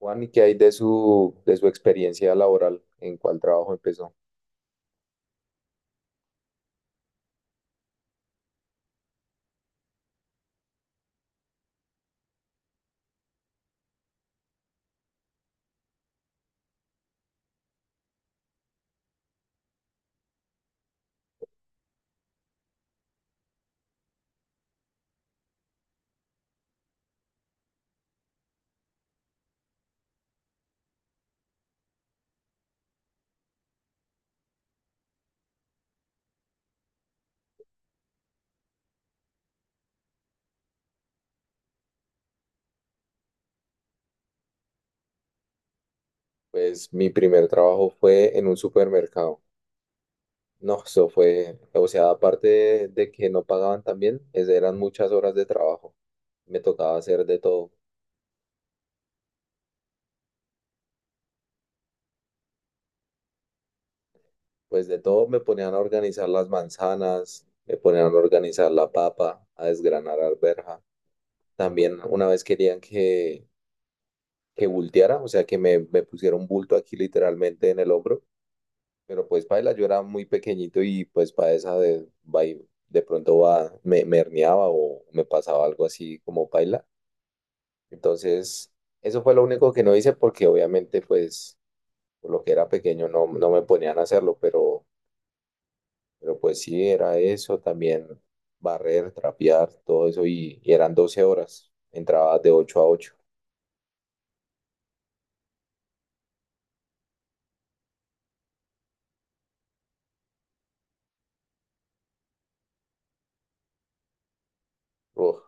Juan, ¿y qué hay de su experiencia laboral? ¿En cuál trabajo empezó? Pues mi primer trabajo fue en un supermercado. No, eso fue, o sea, aparte de que no pagaban tan bien, eran muchas horas de trabajo. Me tocaba hacer de todo. Pues de todo me ponían a organizar las manzanas, me ponían a organizar la papa, a desgranar arveja. También una vez querían que bulteara, o sea, que me pusiera un bulto aquí literalmente en el hombro. Pero pues paila, yo era muy pequeñito y pues para esa de, de pronto va, me herniaba o me pasaba algo así como paila. Entonces, eso fue lo único que no hice porque obviamente pues por lo que era pequeño no me ponían a hacerlo, pero pues sí, era eso también: barrer, trapear, todo eso y eran 12 horas, entraba de ocho a ocho. Uf,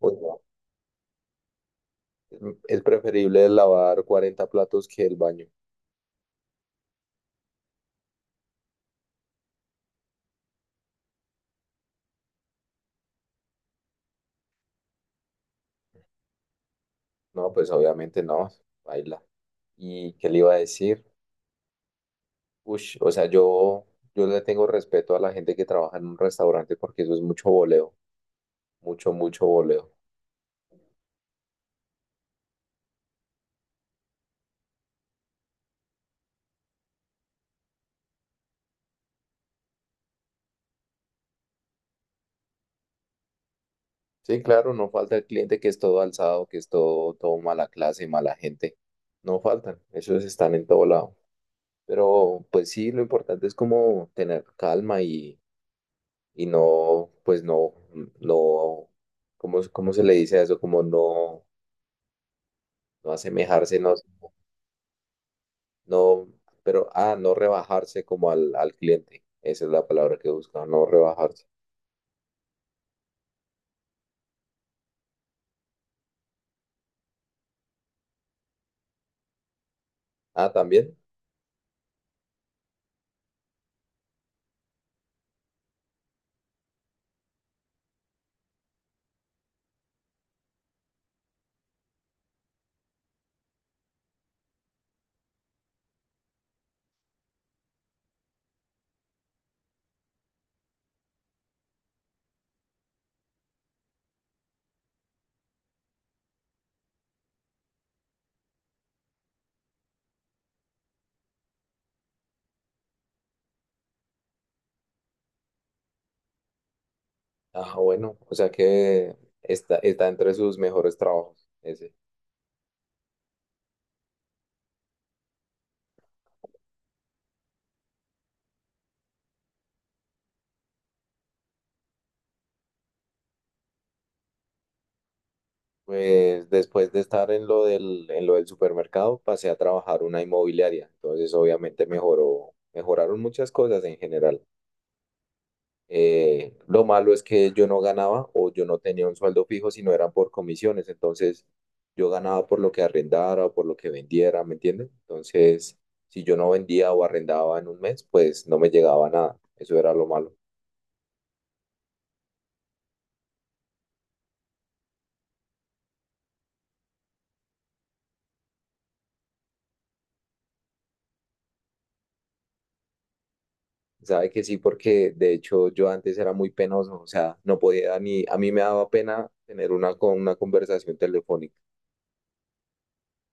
uy, no. Es es preferible lavar 40 platos que el baño. No, pues obviamente no, baila. ¿Y qué le iba a decir? Ush, o sea, yo le tengo respeto a la gente que trabaja en un restaurante porque eso es mucho voleo, mucho voleo. Sí, claro, no falta el cliente que es todo alzado, que es todo, todo mala clase, mala gente. No faltan, esos están en todo lado. Pero pues sí, lo importante es como tener calma y no, pues no, no, cómo se le dice a eso? Como no, no asemejarse, no. No, pero, ah, no rebajarse como al cliente. Esa es la palabra que busca, no rebajarse. Ah, también. Ah, bueno, o sea que está entre sus mejores trabajos, ese. Pues después de estar en lo del supermercado, pasé a trabajar una inmobiliaria. Entonces, obviamente mejoraron muchas cosas en general. Lo malo es que yo no ganaba o yo no tenía un sueldo fijo, sino eran por comisiones. Entonces, yo ganaba por lo que arrendara o por lo que vendiera, ¿me entiendes? Entonces, si yo no vendía o arrendaba en un mes, pues no me llegaba nada. Eso era lo malo. Sabe que sí, porque de hecho yo antes era muy penoso, o sea, no podía ni, a mí me daba pena tener una, con una conversación telefónica.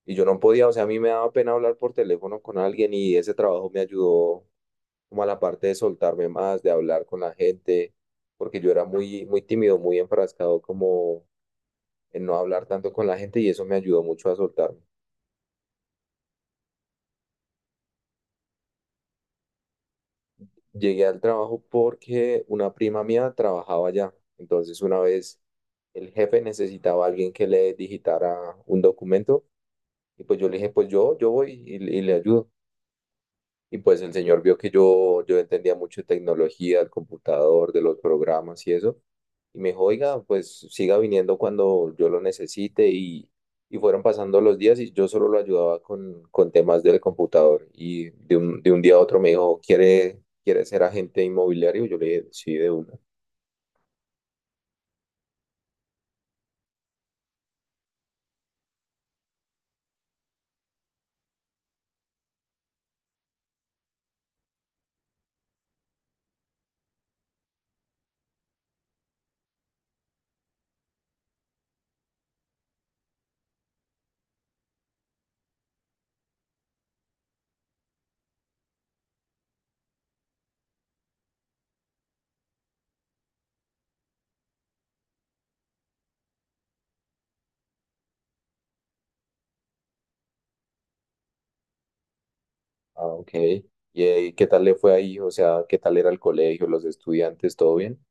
Y yo no podía, o sea, a mí me daba pena hablar por teléfono con alguien y ese trabajo me ayudó como a la parte de soltarme más, de hablar con la gente, porque yo era muy tímido, muy enfrascado como en no hablar tanto con la gente y eso me ayudó mucho a soltarme. Llegué al trabajo porque una prima mía trabajaba allá, entonces una vez el jefe necesitaba a alguien que le digitara un documento y pues yo le dije, pues yo voy y le ayudo. Y pues el señor vio que yo entendía mucho de tecnología, del computador, de los programas y eso. Y me dijo, oiga, pues siga viniendo cuando yo lo necesite. Y fueron pasando los días y yo solo lo ayudaba con temas del computador. Y de un día a otro me dijo, quiere ser agente inmobiliario? Yo le dije, sí, de una. Ah, ok. Y ¿qué tal le fue ahí? O sea, ¿qué tal era el colegio, los estudiantes, todo bien?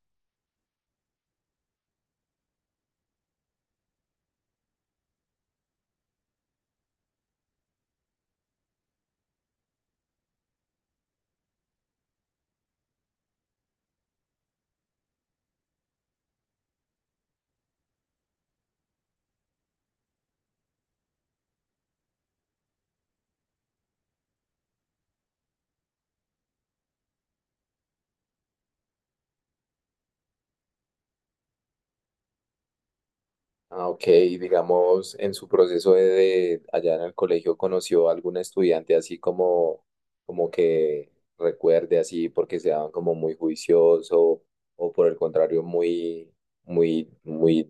Ah, ok. Y digamos, en su proceso de allá en el colegio, ¿conoció algún estudiante así como, como que recuerde así porque se daban como muy juicioso o por el contrario muy, muy, muy,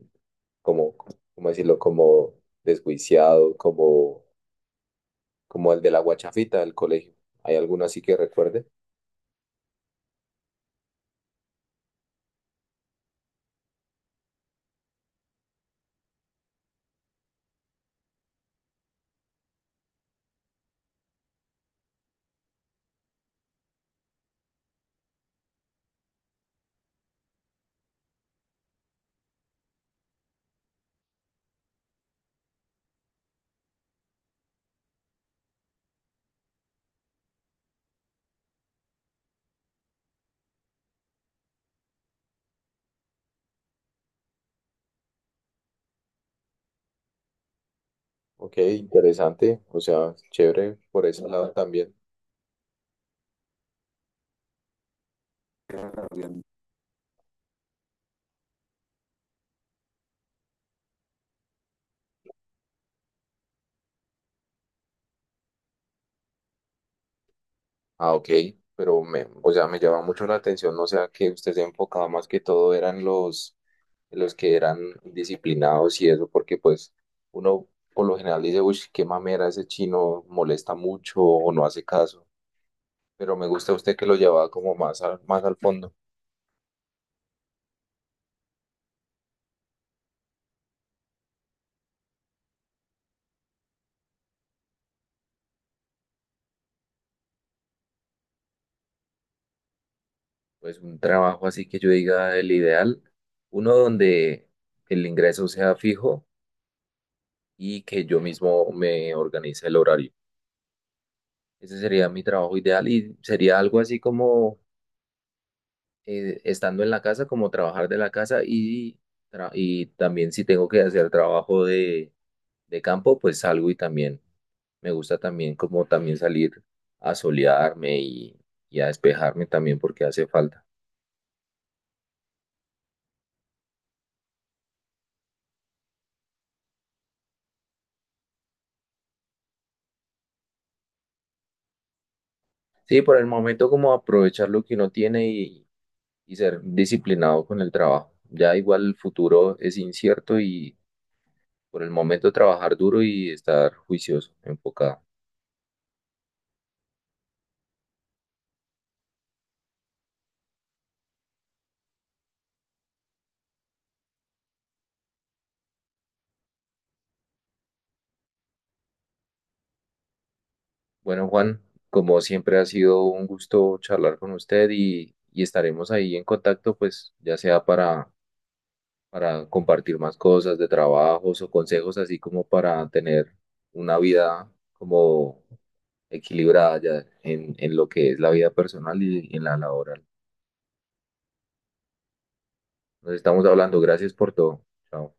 como, ¿cómo decirlo? Como desjuiciado, como, como el de la guachafita del colegio. ¿Hay alguno así que recuerde? Ok, interesante. O sea, chévere por ese lado también. Ah, ok, pero me, o sea, me llama mucho la atención, o sea, que usted se enfocaba más que todo eran los que eran disciplinados y eso, porque pues uno por lo general dice, uy, qué mamera ese chino, molesta mucho o no hace caso, pero me gusta usted que lo llevaba como más al fondo. Pues un trabajo así que yo diga el ideal, uno donde el ingreso sea fijo y que yo mismo me organice el horario. Ese sería mi trabajo ideal y sería algo así como estando en la casa, como trabajar de la casa y, y también si tengo que hacer trabajo de campo, pues salgo y también me gusta también como también salir a solearme y a despejarme también porque hace falta. Sí, por el momento como aprovechar lo que uno tiene y ser disciplinado con el trabajo. Ya igual el futuro es incierto y por el momento trabajar duro y estar juicioso, enfocado. Bueno, Juan, como siempre ha sido un gusto charlar con usted y estaremos ahí en contacto, pues ya sea para compartir más cosas de trabajos o consejos, así como para tener una vida como equilibrada ya en lo que es la vida personal y en la laboral. Nos estamos hablando. Gracias por todo. Chao.